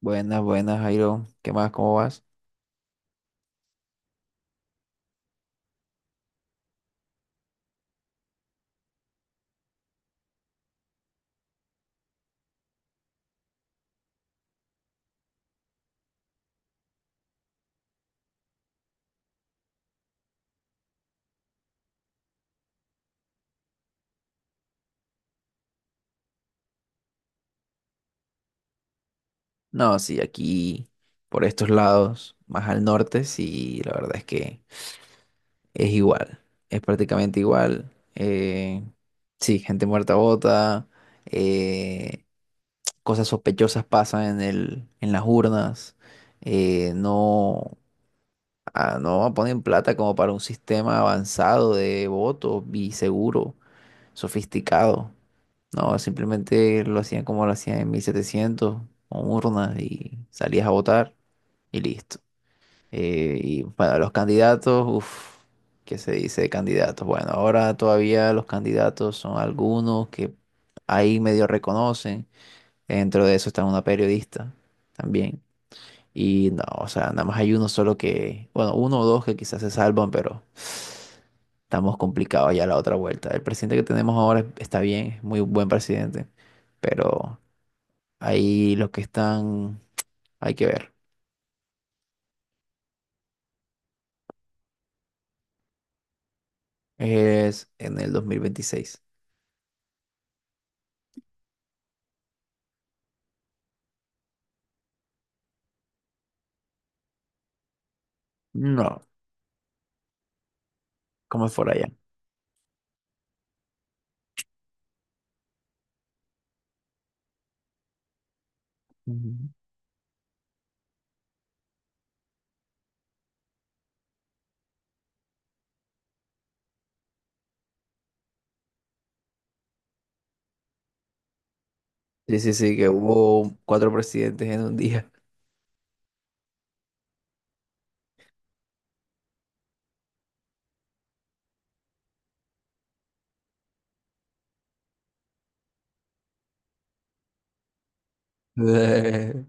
Buenas, buenas, Jairo. ¿Qué más? ¿Cómo vas? No, sí, aquí por estos lados, más al norte, sí, la verdad es que es igual. Es prácticamente igual. Sí, gente muerta bota. eh, Cosas sospechosas pasan en las urnas. eh, no, no ponen plata como para un sistema avanzado de voto y seguro, sofisticado. No, simplemente lo hacían como lo hacían en 1700, con urnas, y salías a votar y listo. Y bueno, los candidatos, uff, ¿qué se dice de candidatos? Bueno, ahora todavía los candidatos son algunos que ahí medio reconocen. Dentro de eso está una periodista también. Y no, o sea, nada más hay uno solo que, bueno, uno o dos que quizás se salvan, pero estamos complicados ya la otra vuelta. El presidente que tenemos ahora está bien, es muy buen presidente, pero ahí los que están, hay que ver, es en el 2026. No, como es por allá. Ujú. Sí, sí, sí, que hubo cuatro presidentes en un día.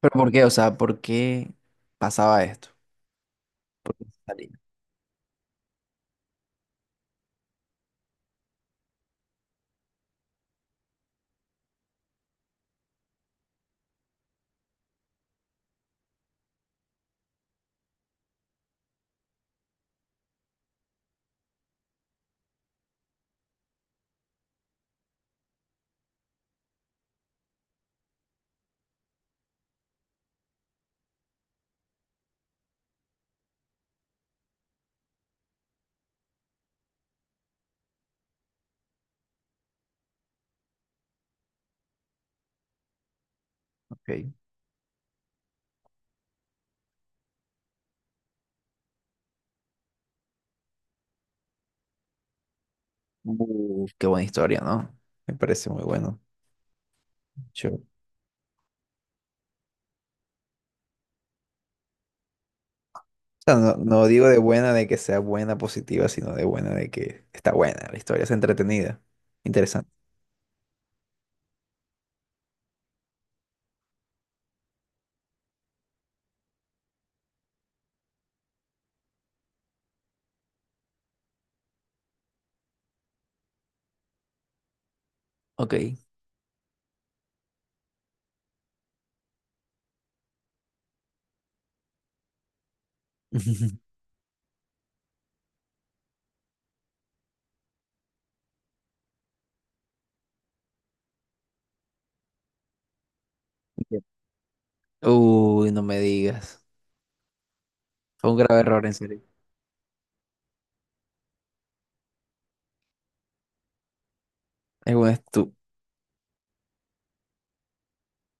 ¿Pero por qué? O sea, ¿por qué pasaba esto? Salí, ok. Qué buena historia, ¿no? Me parece muy bueno. O sea, no, no digo de buena de que sea buena, positiva, sino de buena de que está buena la historia, es entretenida, interesante. Ok. Entiendo. Uy, no me digas. Fue un grave error, en serio. Es un estu...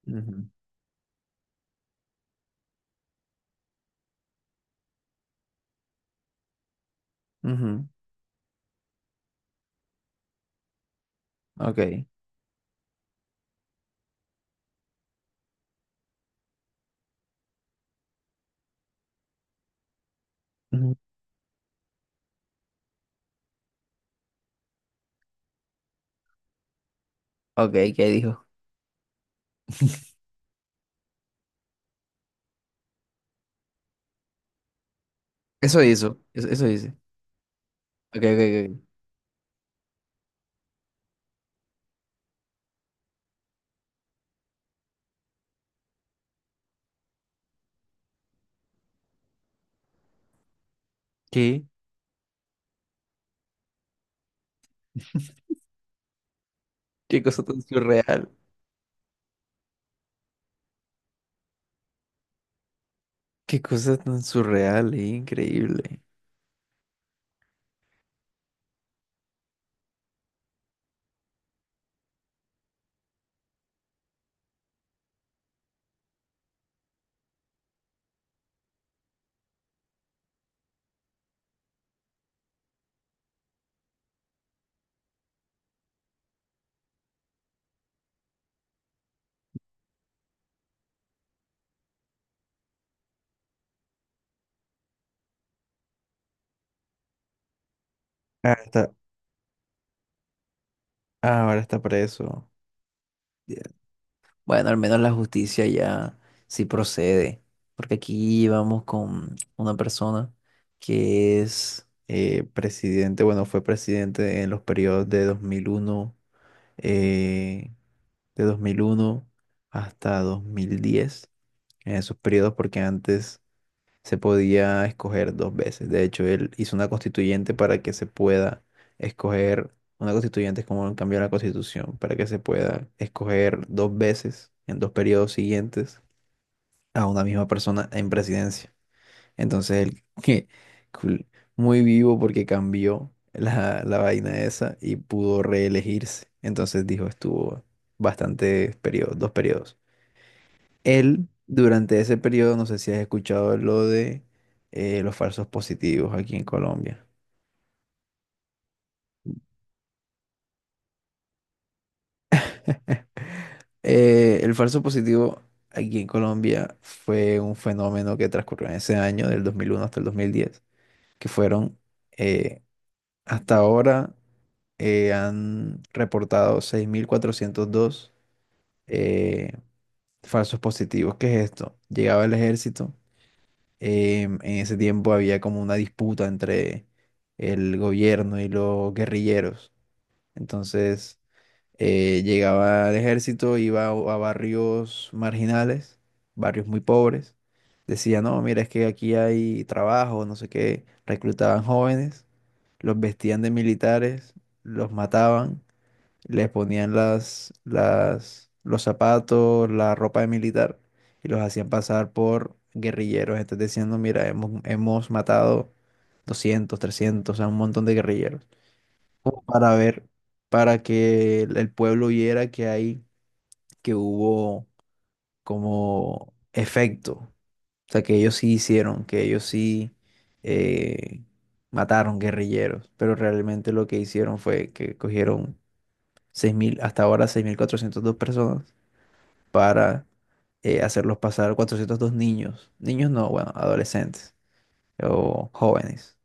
Ujú, ujú. Ok. Ujú. Ok, ¿qué dijo? Eso hizo, eso dice. Ok, ok, ok. ¿Qué? ¿Qué cosa tan surreal? ¿Qué cosa tan surreal e increíble? Ah, está, Ahora está preso. Bueno, al menos la justicia ya sí procede, porque aquí vamos con una persona que es presidente, bueno, fue presidente en los periodos de 2001, eh, de 2001 hasta 2010, en esos periodos, porque antes se podía escoger dos veces. De hecho, él hizo una constituyente para que se pueda escoger, una constituyente es como un cambio a la constitución, para que se pueda escoger dos veces en dos periodos siguientes a una misma persona en presidencia. Entonces, él, que cool, muy vivo porque cambió la vaina esa y pudo reelegirse. Entonces dijo, estuvo bastantes periodos, dos periodos. Él, durante ese periodo, no sé si has escuchado lo de los falsos positivos aquí en Colombia. El falso positivo aquí en Colombia fue un fenómeno que transcurrió en ese año, del 2001 hasta el 2010, que fueron, eh, hasta ahora, han reportado 6.402 eh, falsos positivos. ¿Qué es esto? Llegaba el ejército. En ese tiempo había como una disputa entre el gobierno y los guerrilleros. Entonces llegaba el ejército, iba a barrios marginales, barrios muy pobres. Decía, no, mira, es que aquí hay trabajo, no sé qué. Reclutaban jóvenes, los vestían de militares, los mataban, les ponían los zapatos, la ropa de militar, y los hacían pasar por guerrilleros. Estás diciendo, mira, hemos matado 200, 300, o sea, un montón de guerrilleros. Como para ver, para que el pueblo viera que hay, que hubo como efecto. O sea, que ellos sí hicieron, que ellos sí eh, mataron guerrilleros, pero realmente lo que hicieron fue que cogieron 6.000, hasta ahora 6.402 personas, para hacerlos pasar, 402 niños, niños no, bueno, adolescentes o jóvenes,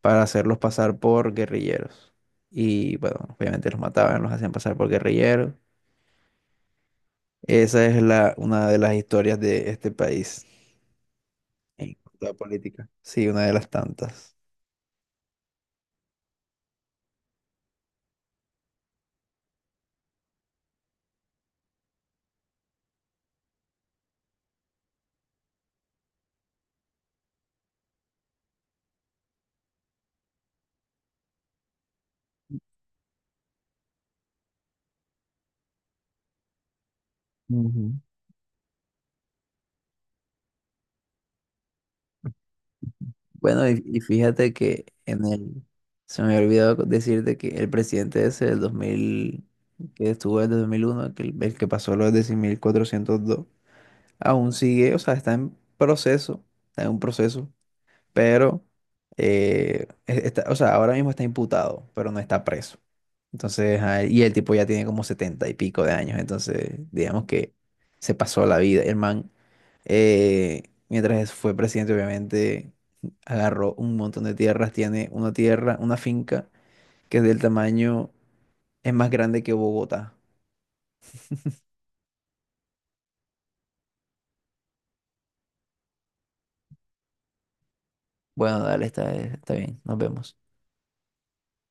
para hacerlos pasar por guerrilleros. Y bueno, obviamente los mataban, los hacían pasar por guerrilleros. Esa es una de las historias de este país en cuanto a política. Sí, una de las tantas. Ujú. Bueno, fíjate que se me había olvidado decirte que el presidente ese del 2000, que estuvo desde 2001, que el que pasó los 10.402, aún sigue, o sea, está en proceso, está en un proceso, pero, está, o sea, ahora mismo está imputado, pero no está preso. Entonces, y el tipo ya tiene como 70 y pico de años, entonces, digamos que se pasó la vida. El man eh, mientras fue presidente, obviamente, agarró un montón de tierras. Tiene una tierra, una finca que es del tamaño, es más grande que Bogotá. Bueno, dale, está bien, nos vemos.